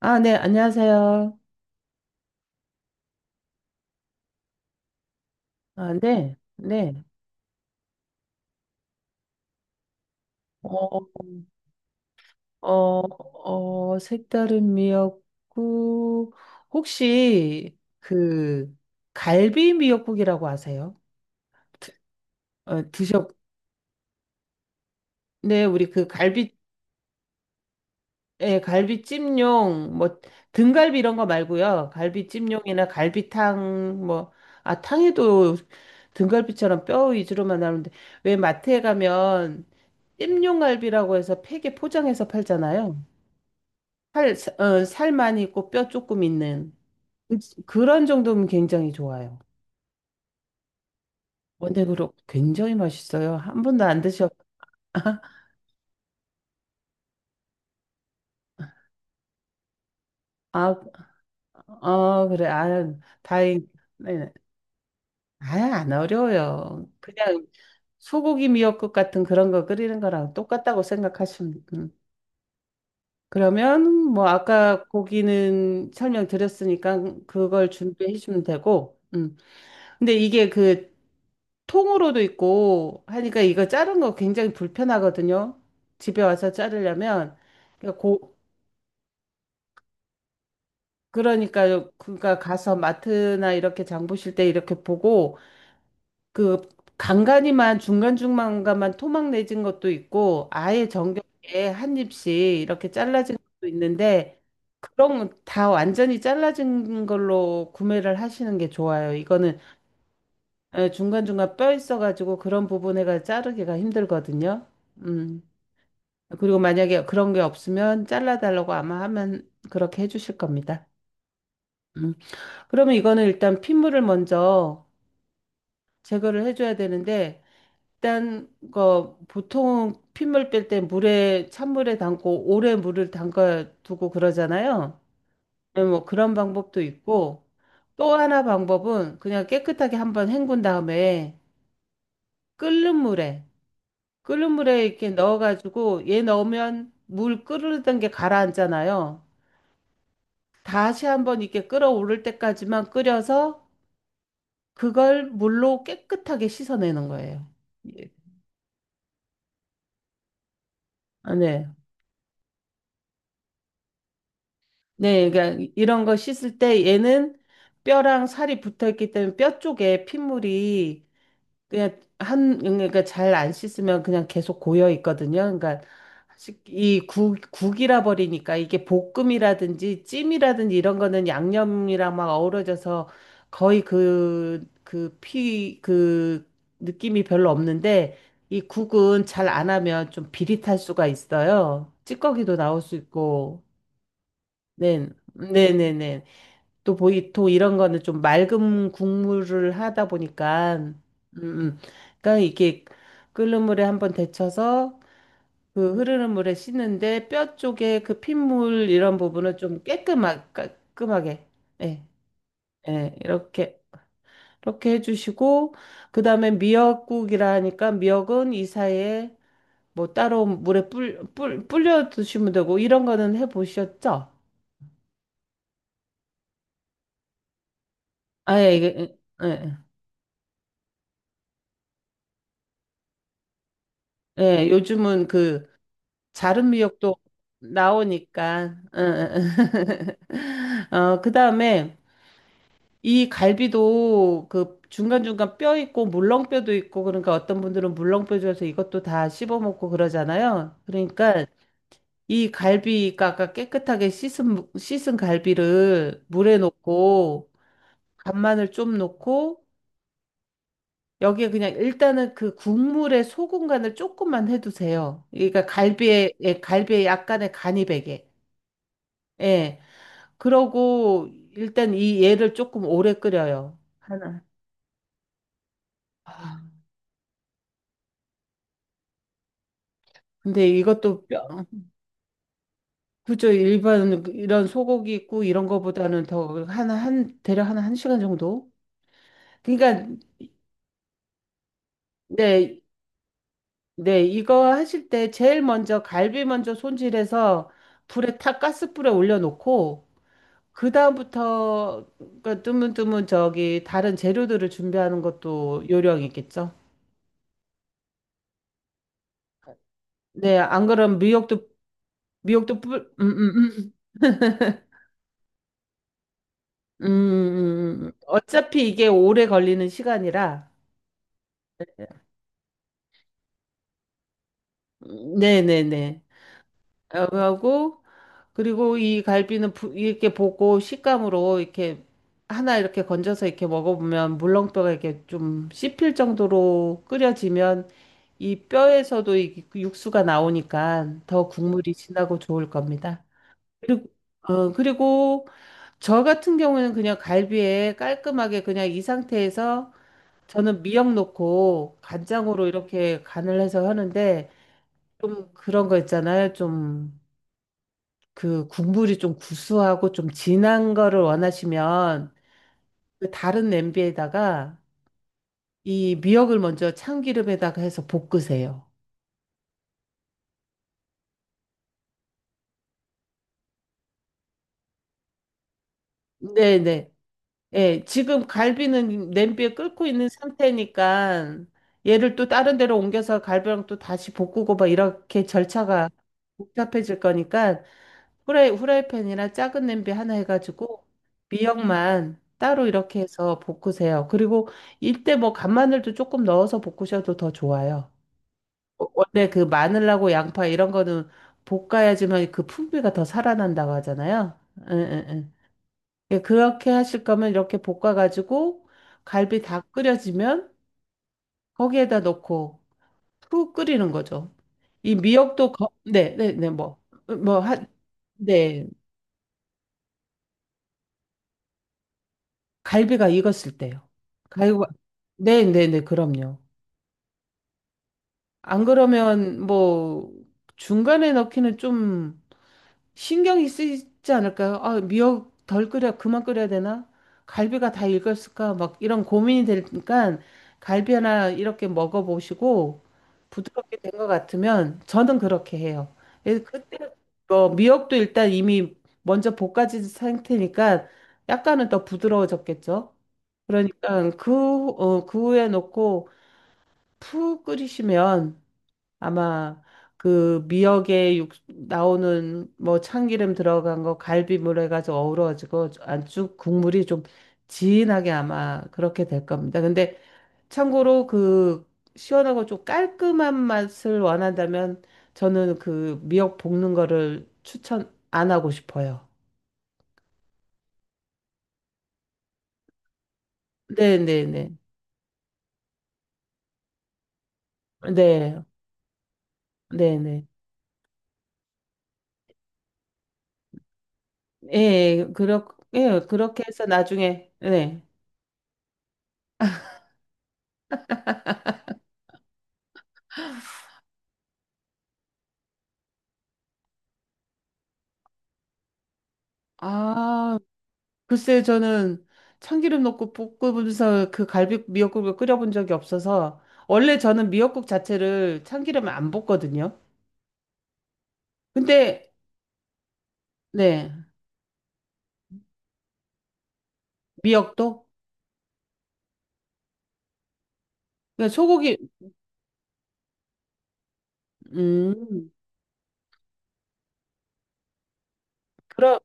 아, 네, 안녕하세요. 아, 네, 네. 어, 어, 색다른 미역국. 혹시 그 갈비 미역국이라고 아세요? 어, 드셔, 네, 우리 그 갈비, 예, 갈비찜용, 뭐, 등갈비 이런 거 말고요. 갈비찜용이나 갈비탕, 뭐, 아, 탕에도 등갈비처럼 뼈 위주로만 나오는데, 왜 마트에 가면 찜용 갈비라고 해서 팩에 포장해서 팔잖아요. 살 많이 있고 뼈 조금 있는 그- 그런 정도면 굉장히 좋아요. 원액으로 굉장히 맛있어요. 한 번도 안 드셔. 아, 그래. 아, 다행. 네. 네. 아, 안 어려워요. 그냥 소고기 미역국 같은 그런 거 끓이는 거랑 똑같다고 생각하시면. 음. 그러면 뭐 아까 고기는 설명드렸으니까 그걸 준비해 주시면 되고. 음. 근데 이게 그 통으로도 있고 하니까 이거 자른 거 굉장히 불편하거든요. 집에 와서 자르려면 그러니까 고 그러니까 그러니까 가서 마트나 이렇게 장 보실 때 이렇게 보고 그 간간이만 중간중간만 토막 내진 것도 있고 아예 정겹게 한 입씩 이렇게 잘라진 것도 있는데 그런 거다 완전히 잘라진 걸로 구매를 하시는 게 좋아요. 이거는 에, 중간중간 뼈 있어가지고 그런 부분에가 자르기가 힘들거든요. 음. 그리고 만약에 그런 게 없으면 잘라달라고 아마 하면 그렇게 해주실 겁니다. 음. 그러면 이거는 일단 핏물을 먼저 제거를 해줘야 되는데, 일단, 그, 보통 핏물 뺄 때 물에, 찬물에 담고 오래 물을 담가 두고 그러잖아요. 네, 뭐 그런 방법도 있고, 또 하나 방법은 그냥 깨끗하게 한번 헹군 다음에 끓는 물에, 끓는 물에 이렇게 넣어가지고 얘 넣으면 물 끓는 게 가라앉잖아요. 다시 한번 이렇게 끓어오를 때까지만 끓여서 그걸 물로 깨끗하게 씻어내는 거예요. 예. 아, 네. 네, 그러니까 이런 거 씻을 때 얘는 뼈랑 살이 붙어 있기 때문에 뼈 쪽에 핏물이 그냥 한 그러니까 잘 안 씻으면 그냥 계속 고여 있거든요. 그러니까 이 국이라 버리니까 이게 볶음이라든지 찜이라든지 이런 거는 양념이랑 막 어우러져서 거의 그, 그 느낌이 별로 없는데 이 국은 잘 안 하면 좀 비릿할 수가 있어요. 찌꺼기도 나올 수 있고. 네, 네네네. 또 보이토 이런 거는 좀 맑은 국물을 하다 보니까 음. 그러니까 이게 끓는 물에 한번 데쳐서 그 흐르는 물에 씻는데 뼈 쪽에 그 핏물 이런 부분은 좀 깨끗하게 깔끔하게 예, 예, 이렇게 이렇게 해주시고 그다음에 미역국이라 하니까 미역은 이 사이에 뭐 따로 물에 불려 두시면 되고 이런 거는 해보셨죠? 아예 이게 예, 예. 예, 요즘은 그 자른 미역도 나오니까. 응, 응, 응. 어, 그다음에 이 갈비도 그 중간중간 뼈 있고 물렁뼈도 있고 그러니까 어떤 분들은 물렁뼈 줘서 이것도 다 씹어 먹고 그러잖아요. 그러니까 이 갈비가 아까 깨끗하게 씻은 씻은 갈비를 물에 넣고 간마늘 좀 넣고 여기에 그냥 일단은 그 국물에 소금 간을 조금만 해두세요. 그러니까 갈비에 예, 갈비에 약간의 간이 배게. 예. 그러고 일단 이 얘를 조금 오래 끓여요. 하나. 아, 근데 이것도 뼈. 그죠 일반 이런 소고기 있고 이런 거보다는 더 하나 한 대략 하나 한 시간 정도? 그러니까 네, 네 이거 하실 때 제일 먼저 갈비 먼저 손질해서 불에 탁 가스불에 올려놓고 그 다음부터 그 뜨문뜨문 저기 다른 재료들을 준비하는 것도 요령이겠죠? 네, 안 그러면 미역도 어차피 이게 오래 걸리는 시간이라, 네네네. 하고, 그리고 이 갈비는 이렇게 보고 식감으로 이렇게 하나 이렇게 건져서 이렇게 먹어보면 물렁뼈가 이렇게 좀 씹힐 정도로 끓여지면 이 뼈에서도 이 그 육수가 나오니까 더 국물이 진하고 좋을 겁니다. 그리고, 그리고 저 같은 경우에는 그냥 갈비에 깔끔하게 그냥 이 상태에서 저는 미역 넣고 간장으로 이렇게 간을 해서 하는데 좀 그런 거 있잖아요. 좀 그 국물이 좀 구수하고 좀 진한 거를 원하시면 그 다른 냄비에다가 이 미역을 먼저 참기름에다가 해서 볶으세요. 네네. 예, 지금 갈비는 냄비에 끓고 있는 상태니까 얘를 또 다른 데로 옮겨서 갈비랑 또 다시 볶고 막 이렇게 절차가 복잡해질 거니까 후라이팬이나 작은 냄비 하나 해가지고 미역만 따로 이렇게 해서 볶으세요. 그리고 이때 뭐 간마늘도 조금 넣어서 볶으셔도 더 좋아요. 어, 원래 그 마늘하고 양파 이런 거는 볶아야지만 그 풍미가 더 살아난다고 하잖아요. 응, 응, 응. 예, 그렇게 하실 거면 이렇게 볶아가지고 갈비 다 끓여지면 거기에다 넣고 푹 끓이는 거죠. 이 미역도 거, 네, 네, 네, 뭐, 뭐, 한, 네. 갈비가 익었을 때요. 갈비가 네, 네, 네, 그럼요. 안 그러면 뭐 중간에 넣기는 좀 신경이 쓰이지 않을까요? 아, 미역 덜 끓여, 그만 끓여야 되나? 갈비가 다 익었을까? 막 이런 고민이 되니까 갈비 하나 이렇게 먹어보시고 부드럽게 된 것 같으면 저는 그렇게 해요. 그래서 그때 미역도 일단 이미 먼저 볶아진 상태니까 약간은 더 부드러워졌겠죠? 그러니까 그, 그 후에 넣고 푹 끓이시면 아마 그 미역에 나오는 뭐 참기름 들어간 거 갈비물 해가지고 어우러지고 안쪽 국물이 좀 진하게 아마 그렇게 될 겁니다. 근데 참고로 그 시원하고 좀 깔끔한 맛을 원한다면 저는 그 미역 볶는 거를 추천 안 하고 싶어요. 네네네. 네. 네네. 예, 예, 그렇게 해서 나중에, 네. 아, 글쎄, 저는 참기름 넣고 볶으면서 그 갈비 미역국을 끓여본 적이 없어서, 원래 저는 미역국 자체를 참기름을 안 볶거든요. 근데, 네, 미역도? 그냥 소고기, 음, 그럼,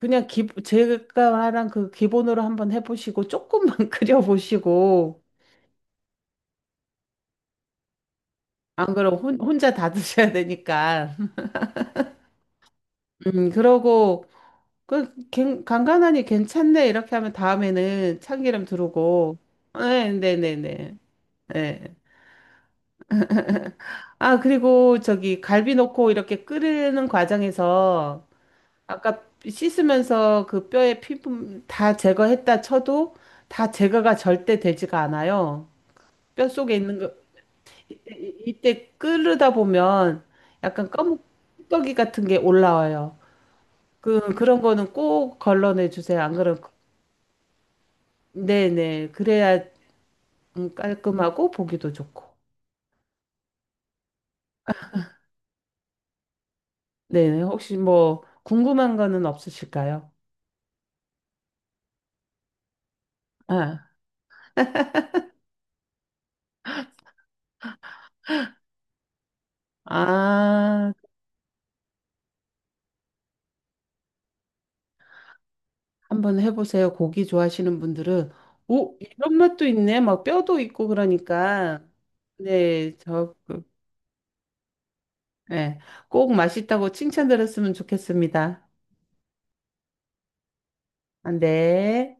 그냥 제가 말한 그 기본으로 한번 해보시고, 조금만 끓여보시고, 안그면 혼자 다 드셔야 되니까. 그러고, 그, 간간하니 괜찮네. 이렇게 하면 다음에는 참기름 두르고, 네, 네, 네, 네. 네. 아, 그리고 저기 갈비 넣고 이렇게 끓이는 과정에서 아까 씻으면서 그 뼈에 피부 다 제거했다 쳐도 다 제거가 절대 되지가 않아요. 뼈 속에 있는 거 이때, 이때 끓이다 보면 약간 검은 떡이 같은 게 올라와요. 그 그런 거는 꼭 걸러내 주세요. 안 그러면 네네 그래야 깔끔하고 보기도 좋고. 네네 혹시 뭐 궁금한 거는 없으실까요? 아. 아, 한번 해보세요. 고기 좋아하시는 분들은, 오, 이런 맛도 있네. 막 뼈도 있고 그러니까. 네, 저, 그, 예, 꼭 맛있다고 칭찬 들었으면 좋겠습니다. 안 돼.